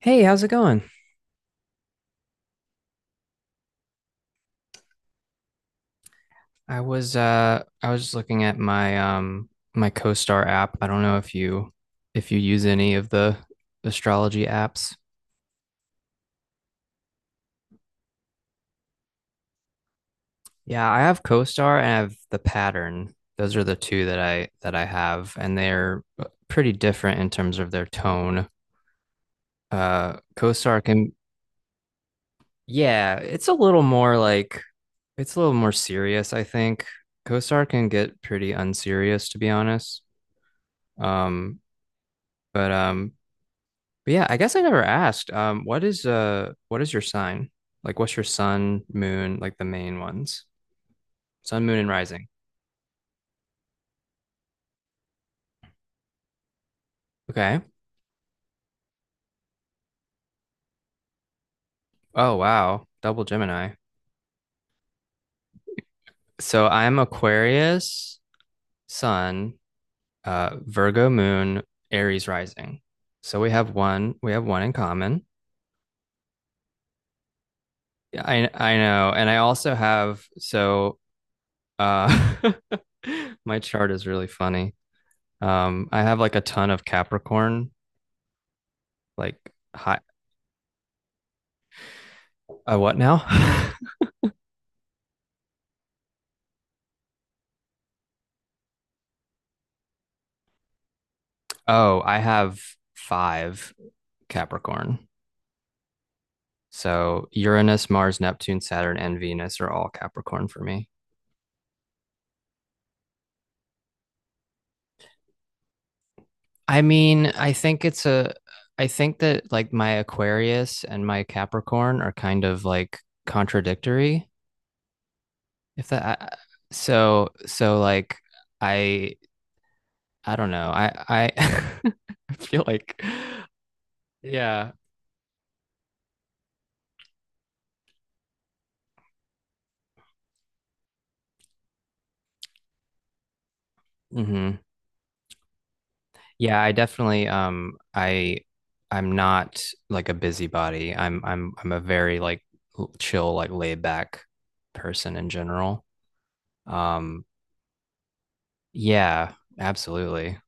Hey, how's it going? I was just looking at my my CoStar app. I don't know if you use any of the astrology apps. Yeah, I have CoStar and I have the Pattern. Those are the two that I have, and they're pretty different in terms of their tone. CoStar can yeah, it's a little more like it's a little more serious, I think. CoStar can get pretty unserious, to be honest. Um, but um, But yeah, I guess I never asked. What is your sign? Like what's your sun, moon, like the main ones? Sun, moon, and rising. Okay. Oh wow. Double Gemini. So I'm Aquarius, sun, Virgo moon, Aries rising. So we have one in common. Yeah, I know. And I also have so uh my chart is really funny. I have like a ton of Capricorn, like high a what now? Oh, I have five Capricorn. So Uranus, Mars, Neptune, Saturn, and Venus are all Capricorn for me. I mean, I think it's a, I think that like my Aquarius and my Capricorn are kind of like contradictory. If that, I, so, so like I, I don't know. I feel like, yeah. Mm-hmm. Yeah, I definitely I'm not like a busybody. I'm a very like chill, like laid back person in general. Um yeah, absolutely.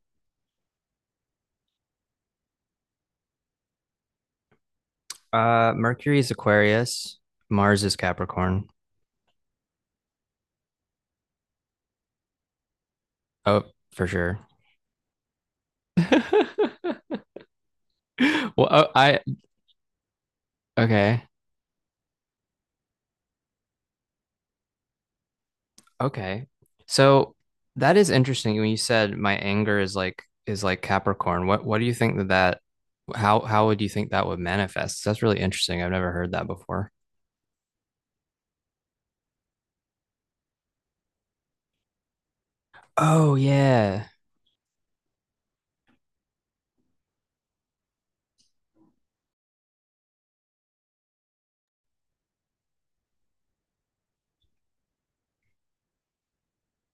Mercury is Aquarius, Mars is Capricorn. Oh, for sure. Well, oh, I okay. Okay. So that is interesting when you said my anger is like Capricorn. What do you think that that how would you think that would manifest? That's really interesting. I've never heard that before. Oh yeah.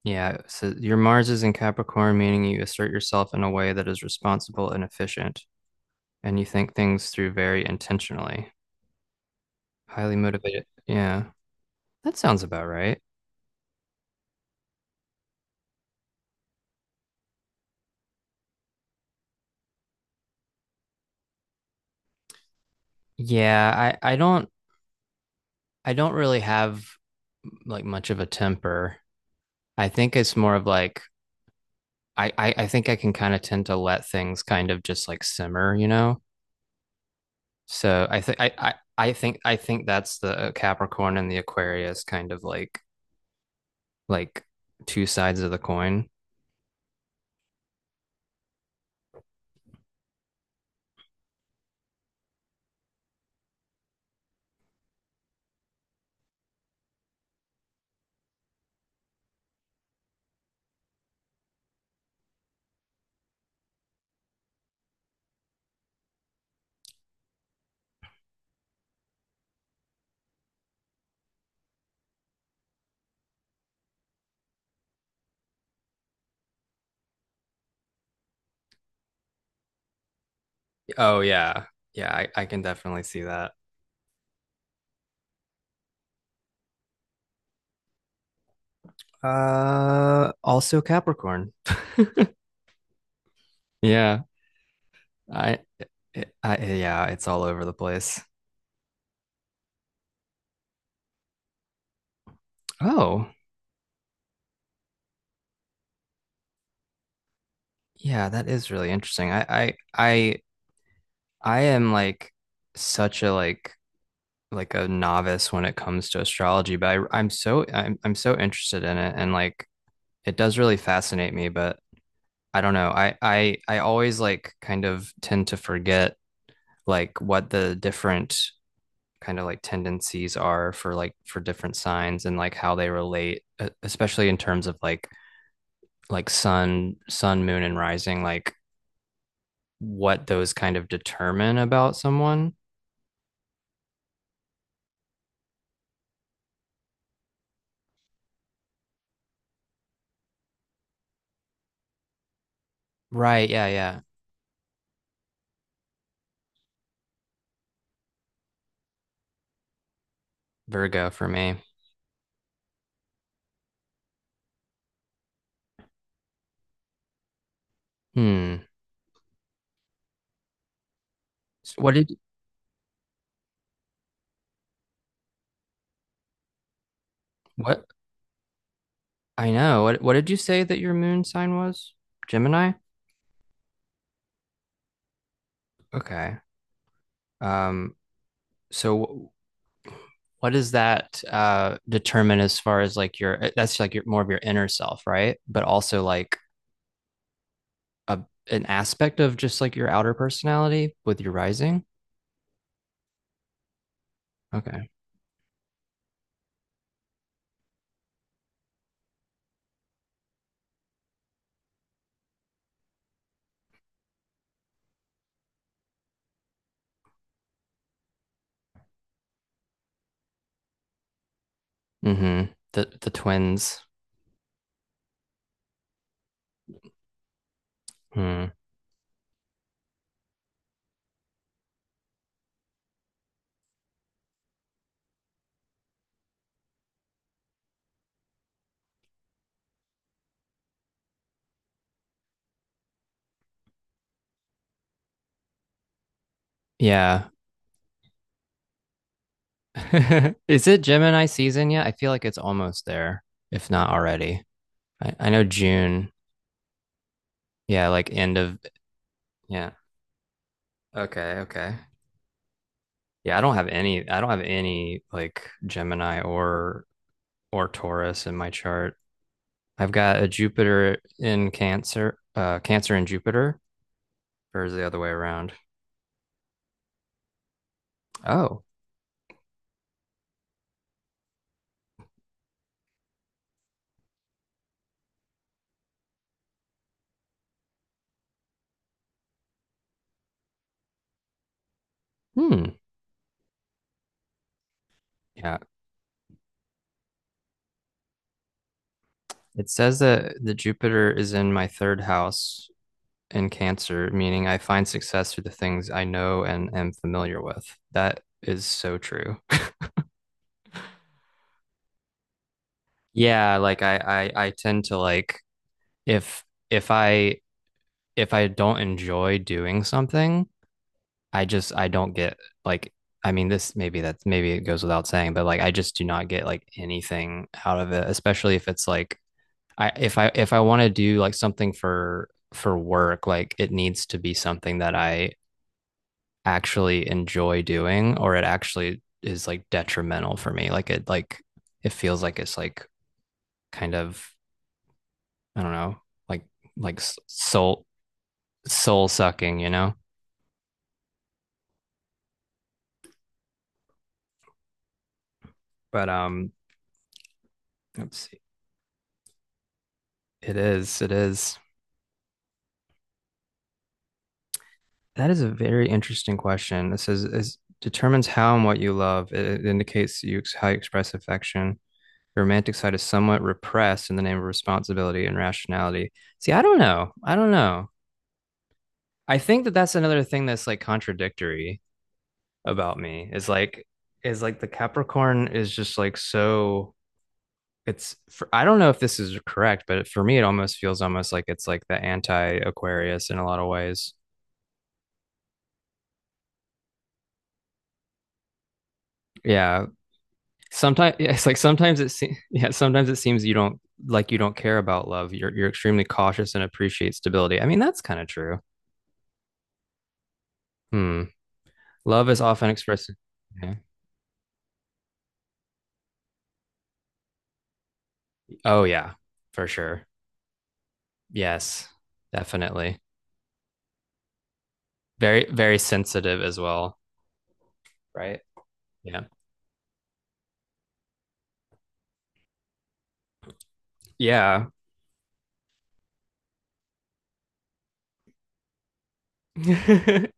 Yeah, so your Mars is in Capricorn, meaning you assert yourself in a way that is responsible and efficient, and you think things through very intentionally. Highly motivated. Yeah. That sounds about right. Yeah, I don't really have like much of a temper. I think it's more of like I think I can kind of tend to let things kind of just like simmer, you know. So I think that's the Capricorn and the Aquarius kind of like two sides of the coin. Oh yeah. Yeah, I can definitely see that. Also Capricorn. Yeah. I, it, I yeah, it's all over the place. Oh, yeah, that is really interesting. I am like such a like a novice when it comes to astrology, but I'm so interested in it and like it does really fascinate me, but I don't know. I always like kind of tend to forget like what the different kind of like tendencies are for like for different signs and like how they relate, especially in terms of like sun moon and rising, like what those kind of determine about someone. Right, yeah, yeah. Virgo for me. Hmm. S- What did what I know. What did you say that your moon sign was? Gemini? Okay. Um, so wh- what does that determine as far as like your that's like your more of your inner self, right? But also like a an aspect of just like your outer personality with your rising? Okay. Mm-hmm. The twins. Hmm. Yeah. Is it Gemini season yet? I feel like it's almost there, if not already. I know June. Yeah, like end of Yeah. Okay. Okay. I don't have any like Gemini or Taurus in my chart. I've got a Jupiter in Cancer, Cancer in Jupiter, or is it the other way around? Oh, hmm. Yeah. It says that the Jupiter is in my third house in Cancer, meaning I find success through the things I know and am familiar with. That is so true. Yeah, like I tend to like if if I if I don't enjoy doing something, I don't get like I mean this maybe that's maybe it goes without saying, but like I just do not get like anything out of it, especially if it's like I if I if I want to do like something for work, like it needs to be something that I actually enjoy doing or it actually is like detrimental for me. Like it feels like it's like kind of I don't know, like like soul soul sucking, you know? But let's see It is. It is. That is a very interesting question. Is determines how and what you love. It indicates how you express affection. The romantic side is somewhat repressed in the name of responsibility and rationality. See, I don't know. I don't know. I think that that's another thing that's like contradictory about me is like the Capricorn is just like so it's for, I don't know if this is correct, but for me it almost feels almost like it's like the anti-Aquarius in a lot of ways. Yeah, sometimes it's like sometimes it seems yeah sometimes it seems you don't like you don't care about love you're extremely cautious and appreciate stability. I mean that's kind of true. Hmm. Love is often expressed yeah. Oh yeah, for sure. Yes, definitely. Very very sensitive as well, right. Yeah, yeah.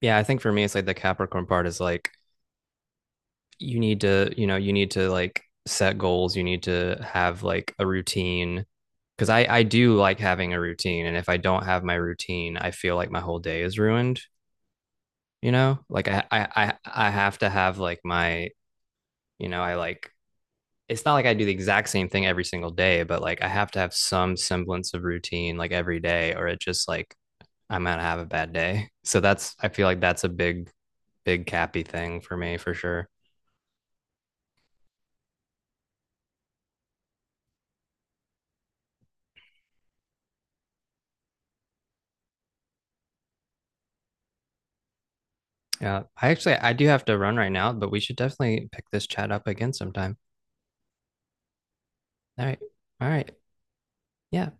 Yeah, I think for me it's like the Capricorn part is like you need to, you know, you need to like set goals, you need to have like a routine because I do like having a routine and if I don't have my routine I feel like my whole day is ruined. You know like I have to have like my, you know, I like it's not like I do the exact same thing every single day but like I have to have some semblance of routine like every day or it just like I'm gonna have a bad day. So that's, I feel like that's a big cappy thing for me for sure. Yeah, I actually I do have to run right now, but we should definitely pick this chat up again sometime. All right. All right. Yeah.